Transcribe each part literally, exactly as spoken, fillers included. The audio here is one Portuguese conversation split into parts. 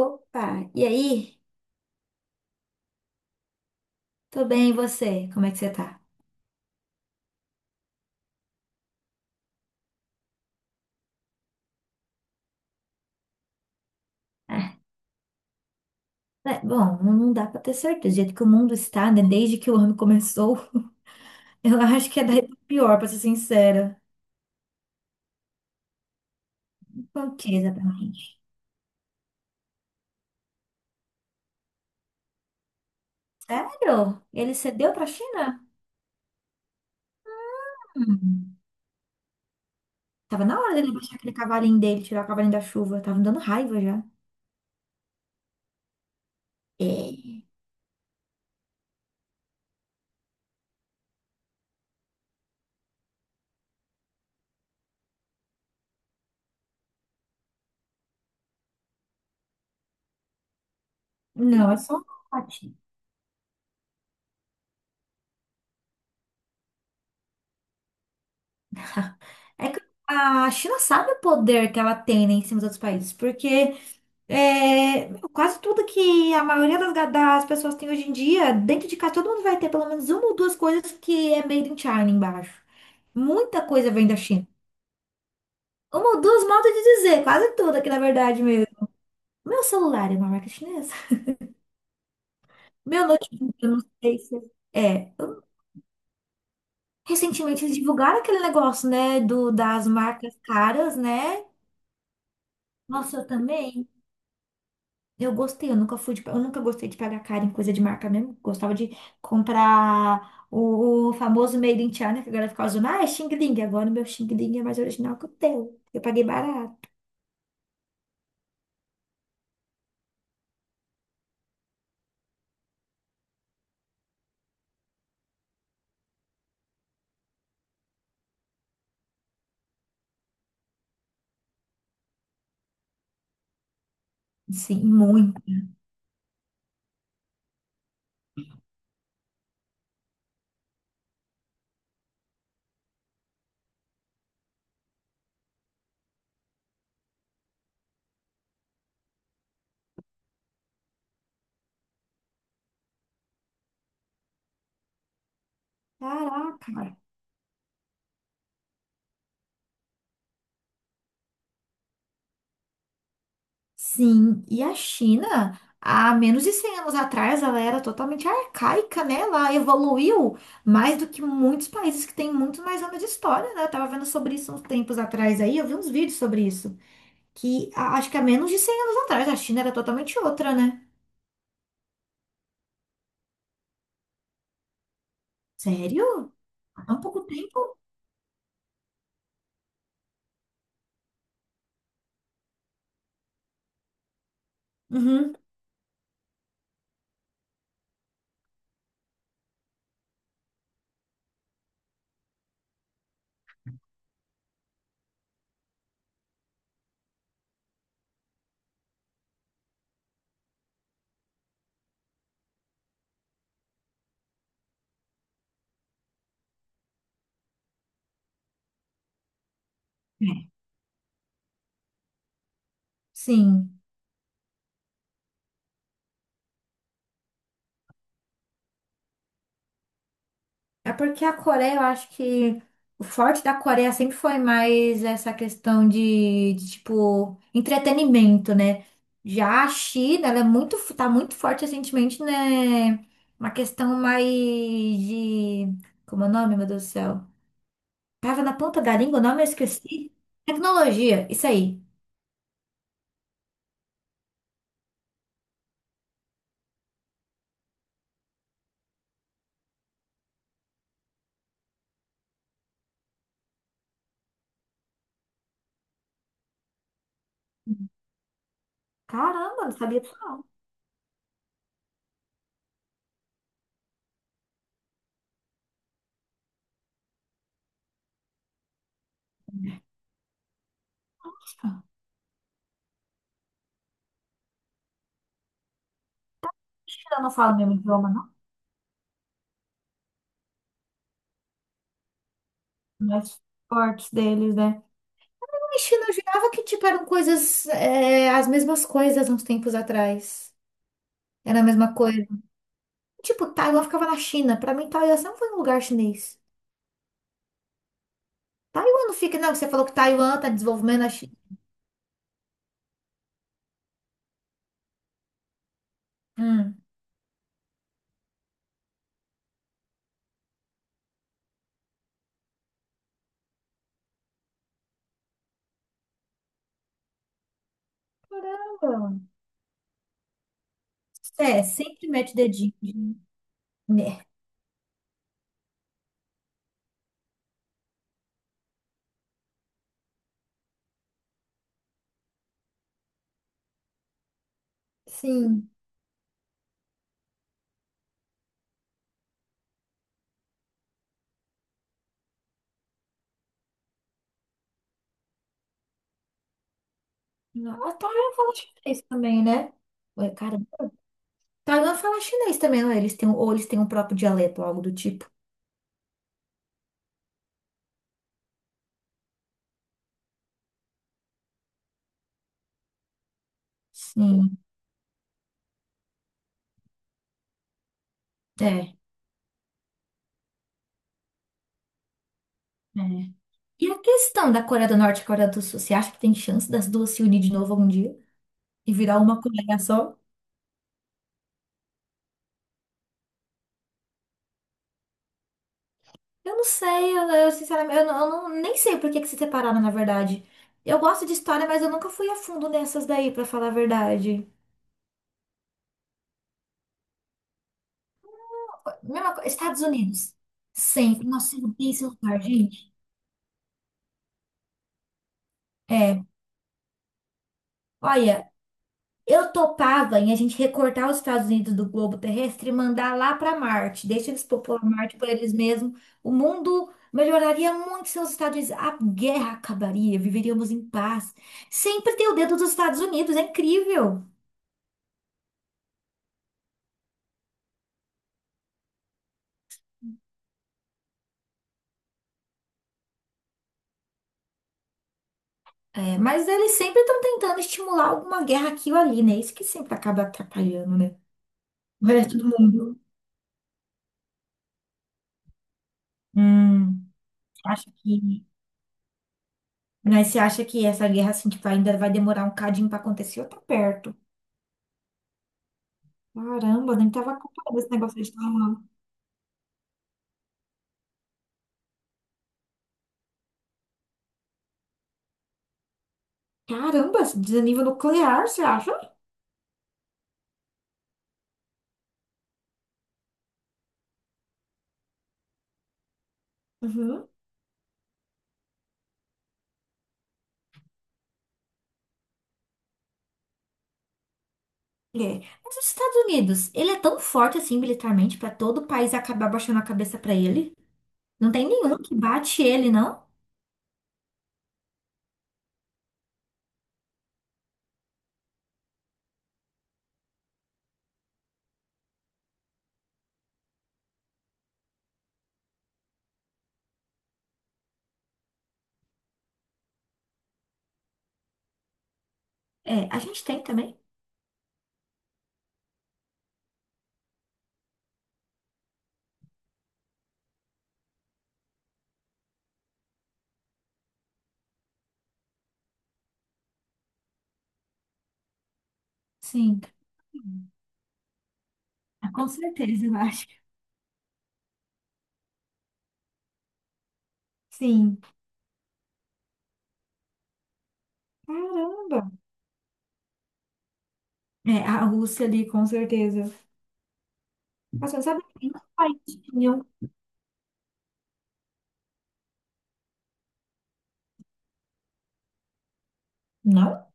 Opa, e aí? Tô bem, e você? Como é que você tá? Ah, é, bom, não dá pra ter certeza. Do jeito que o mundo está, né? Desde que o ano começou, eu acho que é daí pra pior, pra ser sincera. Por que exatamente? Sério? Ele cedeu pra China? Hum, tava na hora dele baixar aquele cavalinho dele, tirar o cavalinho da chuva. Tava me dando raiva já. É. Não, é só um patinho. É que a China sabe o poder que ela tem, né, em cima dos outros países, porque É, quase tudo que a maioria das, ga- das pessoas tem hoje em dia, dentro de casa, todo mundo vai ter pelo menos uma ou duas coisas que é made in China embaixo. Muita coisa vem da China. Uma ou duas modos de dizer, quase tudo aqui na verdade mesmo. Meu celular é uma marca chinesa. Meu notebook, eu não sei se é. Eu- Recentemente eles divulgaram aquele negócio, né, do, das marcas caras, né? Nossa, eu também. Eu gostei, eu nunca fui de, eu nunca gostei de pagar caro em coisa de marca mesmo. Gostava de comprar o, o famoso Made in China, que agora fica usando, ah, é Xing Ling. Agora o meu Xing Ling é mais original que o teu. Eu paguei barato. Sim, muito. Caraca. Sim, e a China, há menos de cem anos atrás, ela era totalmente arcaica, né? Ela evoluiu mais do que muitos países que têm muito mais anos de história, né? Eu tava vendo sobre isso uns tempos atrás aí, eu vi uns vídeos sobre isso. que a- acho que há menos de cem anos atrás a China era totalmente outra, né? Sério? Há tão pouco tempo? Uhum. É, sim. É porque a Coreia, eu acho que o forte da Coreia sempre foi mais essa questão de, de, tipo, entretenimento, né? Já a China, ela é muito, f- tá muito forte recentemente, né? Uma questão mais de. Como é o nome, meu Deus do céu? Tava na ponta da língua, o nome eu esqueci. Tecnologia, isso aí. Caramba, não sabia disso. China não fala o mesmo idioma, não. Mais fortes deles, né? A China eu jurava que, tipo, eram coisas, é, as mesmas coisas uns tempos atrás. Era a mesma coisa. Tipo, Taiwan ficava na China. Pra mim, Taiwan sempre foi um lugar chinês. Taiwan não fica, não. Você falou que Taiwan tá desenvolvendo a China. Hum. Caramba. É, sempre mete dedinho. Né? Sim. Ah, Taiwan fala chinês também, né? Ué, cara, Taiwan fala chinês também, não é? Eles têm, um- ou eles têm um próprio dialeto, algo do tipo. Sim. É, é. E a questão da Coreia do Norte e Coreia do Sul, você acha que tem chance das duas se unir de novo algum dia e virar uma Coreia só? Eu não sei, eu, eu, sinceramente, eu, não, eu não- nem sei por que que se separaram, na verdade. Eu gosto de história, mas eu nunca fui a fundo nessas daí, pra falar a verdade. Mesma coisa, Estados Unidos. Sempre. Nossa, eu odeio esse lugar, gente. É, olha, eu topava em a gente recortar os Estados Unidos do globo terrestre e mandar lá para Marte. Deixa eles popular Marte por eles mesmos. O mundo melhoraria muito se os Estados Unidos. A guerra acabaria, viveríamos em paz. Sempre tem o dedo dos Estados Unidos, é incrível. É, mas eles sempre estão tentando estimular alguma guerra aqui ou ali, né? Isso que sempre acaba atrapalhando, né? O resto do mundo. Hum, acha que. Mas você acha que essa guerra, assim, tipo, ainda vai demorar um cadinho para acontecer ou tá perto? Caramba, nem tava acompanhando esse negócio que eles estavam falando. Caramba, esse desnível nuclear, você acha? Uhum. É. Mas os Estados Unidos, ele é tão forte assim militarmente para todo o país acabar baixando a cabeça para ele? Não tem nenhum que bate ele, não? É, a gente tem também. Sim. Ah, com certeza, eu acho. Sim. Caramba. É, a Rússia ali, com certeza. Mas você não sabe que nenhum país tinha. um- Nossa.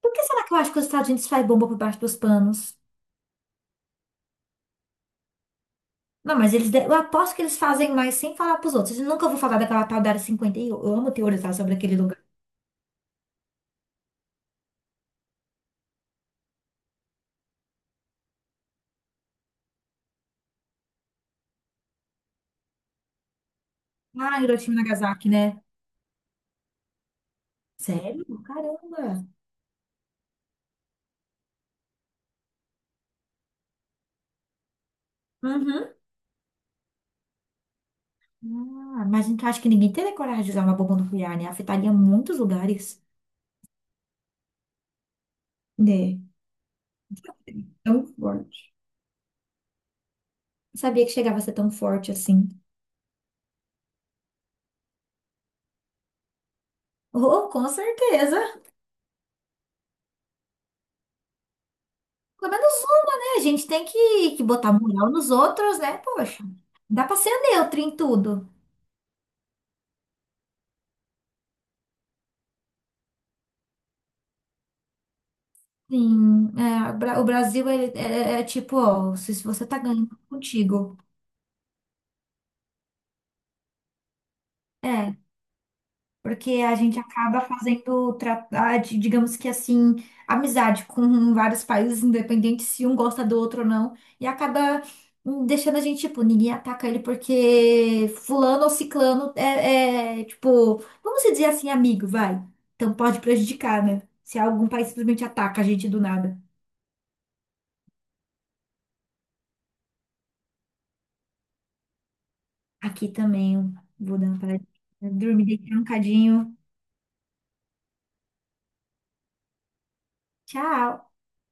Por que será que eu acho que os Estados Unidos faz bomba por baixo dos panos? Não, mas eles. de- Eu aposto que eles fazem mais sem falar pros outros. Eu nunca vou falar daquela tal da Área cinquenta e um. Eu eu amo teorizar sobre aquele lugar. Ah, Hiroshima e Nagasaki, né? Sério? Caramba! Uhum. Ah, mas então acho que ninguém teria coragem de usar uma bomba nuclear, né? Afetaria muitos lugares. Né? Tão forte. Não sabia que chegava a ser tão forte assim. Oh, oh, com certeza. Pelo menos uma, né? A gente tem que, que botar moral nos outros, né? Poxa, não dá pra ser neutra em tudo. Sim, é, o Bra- o Brasil ele- é, é é tipo, ó, se se você tá ganhando tá contigo. É, porque a gente acaba fazendo, tra- ah, di- digamos que assim, amizade com vários países, independente se um gosta do outro ou não, e acaba hum, deixando a gente, tipo, ninguém ataca ele porque fulano ou ciclano é, é, tipo, vamos dizer assim, amigo, vai. Então pode prejudicar, né? Se algum país simplesmente ataca a gente do nada. Aqui também, eu vou dar uma paradinha. Dormir, deitar um cadinho. Tchau!